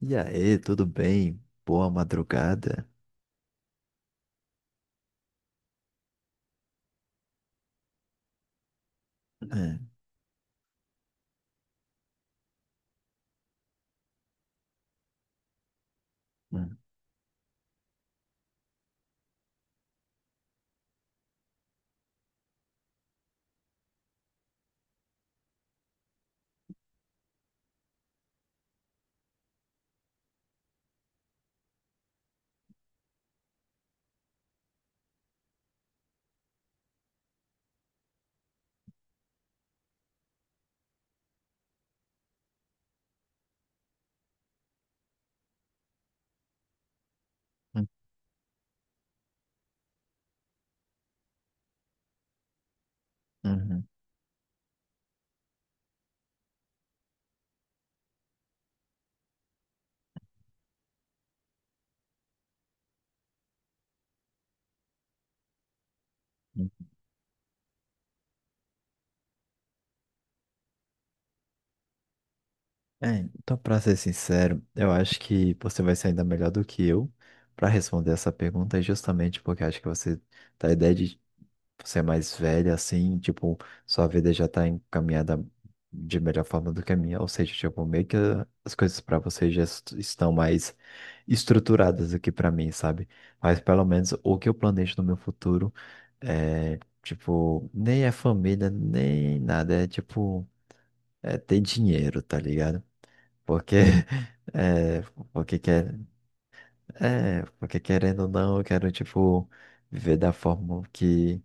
E aí, tudo bem? Boa madrugada? É, hum, hum, uhum, hum. É, então, pra ser sincero, eu acho que você vai ser ainda melhor do que eu para responder essa pergunta, justamente porque eu acho que você tá a ideia de ser mais velha, assim, tipo, sua vida já tá encaminhada de melhor forma do que a minha, ou seja, tipo, meio que as coisas para você já estão mais estruturadas do que para mim, sabe? Mas pelo menos o que eu planejo no meu futuro. É, tipo, nem é família, nem nada. É tipo, é ter dinheiro, tá ligado? Porque, é, porque quer, é, porque querendo ou não, eu quero, tipo, viver da forma que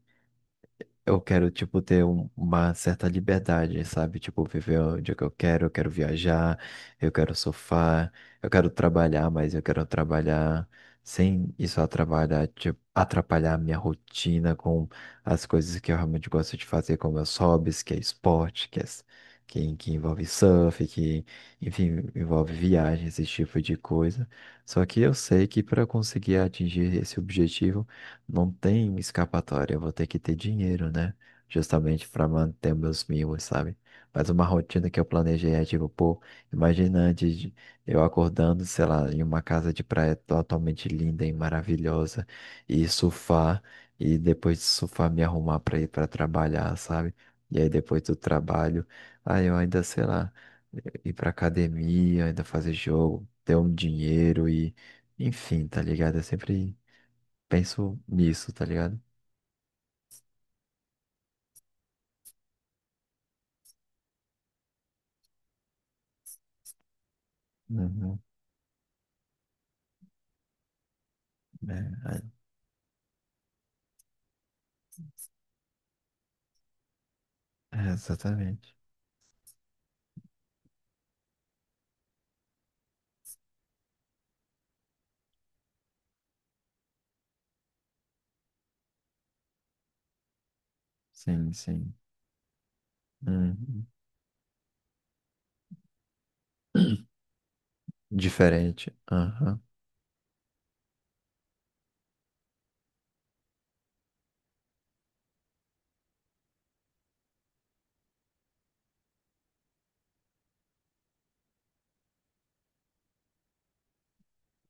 eu quero, tipo, ter uma certa liberdade, sabe? Tipo, viver onde é que eu quero viajar, eu quero surfar, eu quero trabalhar, mas eu quero trabalhar sem isso atrapalhar, tipo, atrapalhar a minha rotina com as coisas que eu realmente gosto de fazer, como meus hobbies, que é esporte, que envolve surf, que, enfim, envolve viagens, esse tipo de coisa. Só que eu sei que para conseguir atingir esse objetivo, não tem escapatória, eu vou ter que ter dinheiro, né? Justamente para manter meus mimos, sabe? Mas uma rotina que eu planejei é tipo, pô, imagina eu acordando, sei lá, em uma casa de praia totalmente linda e maravilhosa, e surfar, e depois de surfar me arrumar para ir para trabalhar, sabe? E aí depois do trabalho, aí eu ainda, sei lá, ir pra academia, ainda fazer jogo, ter um dinheiro e, enfim, tá ligado? É sempre penso nisso, tá ligado? Uhum. É, é, é, exatamente. Sim, sim. Uhum. Diferente. Aham.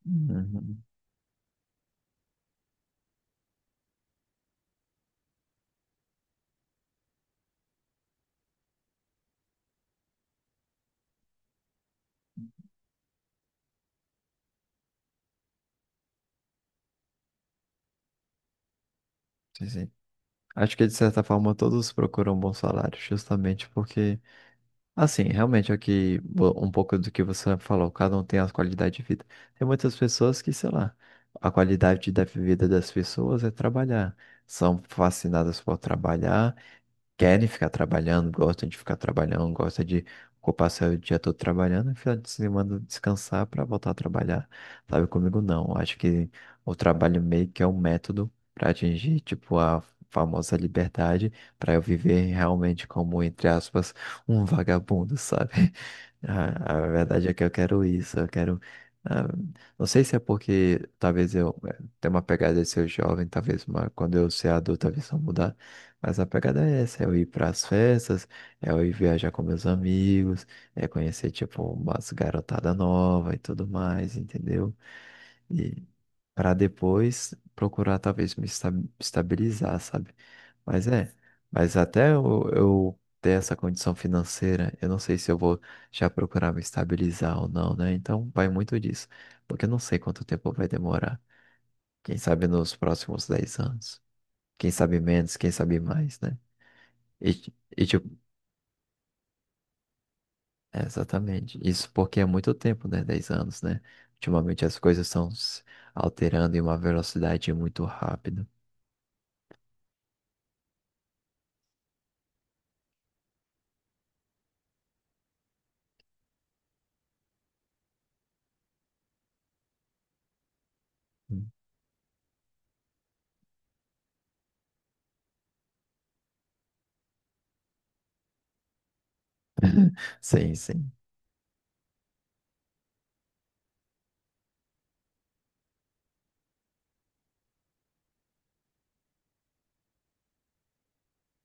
Uhum. Sim, sim. Acho que, de certa forma, todos procuram um bom salário, justamente porque, assim, realmente é o que, um pouco do que você falou, cada um tem a qualidade de vida. Tem muitas pessoas que, sei lá, a qualidade da vida das pessoas é trabalhar. São fascinadas por trabalhar, querem ficar trabalhando, gostam de ficar trabalhando, gostam de ocupar seu dia todo trabalhando, e final de semana descansar para voltar a trabalhar. Sabe, comigo não. Acho que o trabalho meio que é um método para atingir, tipo, a famosa liberdade, para eu viver realmente como, entre aspas, um vagabundo, sabe? A, a verdade é que eu quero isso, eu quero. Ah, não sei se é porque talvez eu tenha uma pegada de ser jovem, talvez uma, quando eu ser adulto a visão mudar. Mas a pegada é essa, é eu ir para as festas, é eu ir viajar com meus amigos, é conhecer, tipo, umas garotada nova e tudo mais, entendeu? E para depois procurar, talvez, me estabilizar, sabe? Mas é, mas até eu, ter essa condição financeira, eu não sei se eu vou já procurar me estabilizar ou não, né? Então vai muito disso, porque eu não sei quanto tempo vai demorar. Quem sabe nos próximos 10 anos. Quem sabe menos, quem sabe mais, né? E tipo, é, exatamente. Isso porque é muito tempo, né? 10 anos, né? Ultimamente as coisas estão se alterando em uma velocidade muito rápida. Hum. Sim, sim.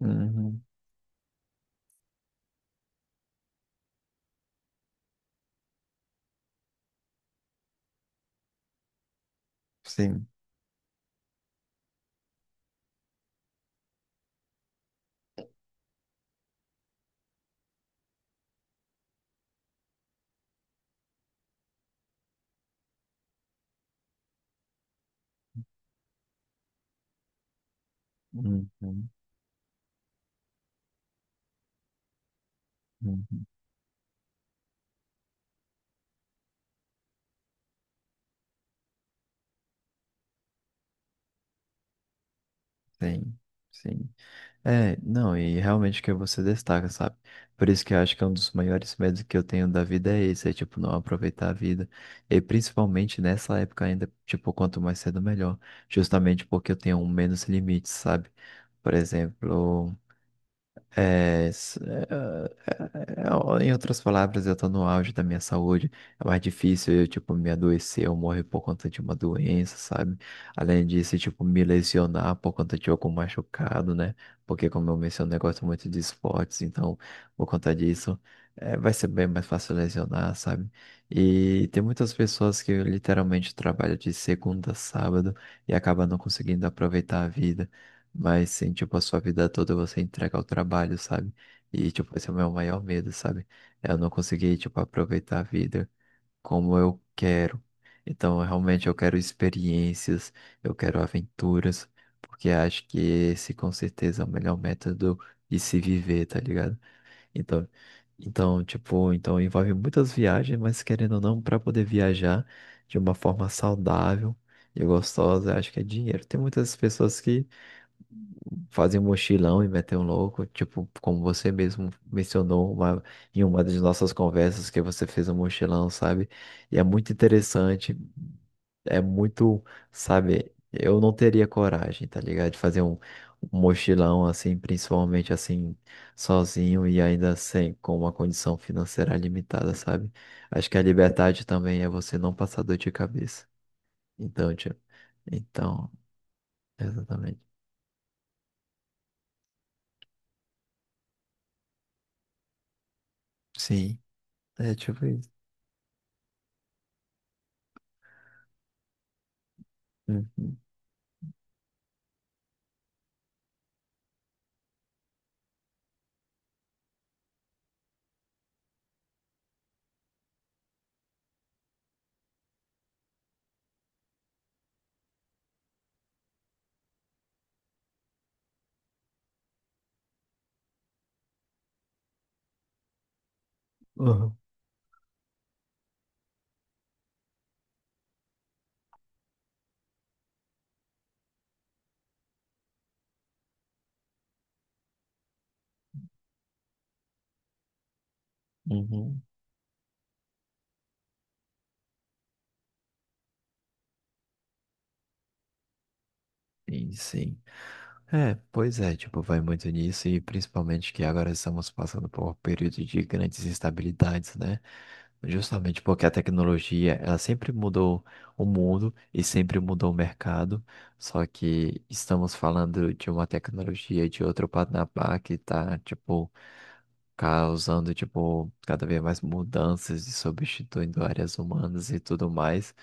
Uhum. Sim. Uhum. Uhum. Sim, sim. É, não, e realmente que você destaca, sabe? Por isso que eu acho que é um dos maiores medos que eu tenho da vida é esse, é tipo, não aproveitar a vida. E principalmente nessa época ainda, tipo, quanto mais cedo melhor. Justamente porque eu tenho um menos limites, sabe? Por exemplo. É, s- é, é, é, em outras palavras, eu tô no auge da minha saúde. É mais difícil eu, tipo, me adoecer ou morrer por conta de uma doença, sabe? Além disso, tipo, me lesionar por conta de algum machucado, né? Porque, como eu mencionei, eu gosto muito de esportes, então, por conta disso, é, vai ser bem mais fácil lesionar, sabe? E tem muitas pessoas que literalmente trabalham de segunda a sábado e acabam não conseguindo aproveitar a vida. Mas sim, tipo, a sua vida toda você entrega ao trabalho, sabe? E, tipo, esse é o meu maior medo, sabe? Eu não consegui, tipo, aproveitar a vida como eu quero. Então, realmente, eu quero experiências, eu quero aventuras, porque acho que esse, com certeza, é o melhor método de se viver, tá ligado? Então, então, tipo, então envolve muitas viagens, mas querendo ou não, para poder viajar de uma forma saudável e gostosa, acho que é dinheiro. Tem muitas pessoas que fazer um mochilão e meter um louco, tipo, como você mesmo mencionou em uma das nossas conversas que você fez um mochilão, sabe? E é muito interessante, é muito, sabe, eu não teria coragem, tá ligado? De fazer um mochilão assim, principalmente assim, sozinho e ainda sem, com uma condição financeira limitada, sabe? Acho que a liberdade também é você não passar dor de cabeça. Então, tipo, então, exatamente. Sim, é tipo isso. Uhum. Aham. Uhum. Sim, sim. É, pois é, tipo, vai muito nisso e principalmente que agora estamos passando por um período de grandes instabilidades, né? Justamente porque a tecnologia, ela sempre mudou o mundo e sempre mudou o mercado, só que estamos falando de uma tecnologia de outro patamar que tá, tipo, causando, tipo, cada vez mais mudanças e substituindo áreas humanas e tudo mais.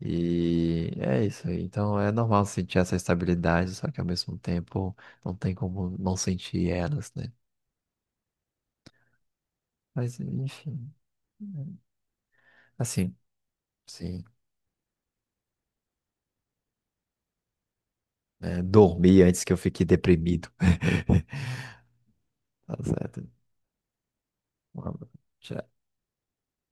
E é isso aí. Então é normal sentir essa estabilidade, só que ao mesmo tempo não tem como não sentir elas, né? Mas enfim, é, assim, sim. Né? Dormir antes que eu fique deprimido. Tá certo. Um abraço. Tchau.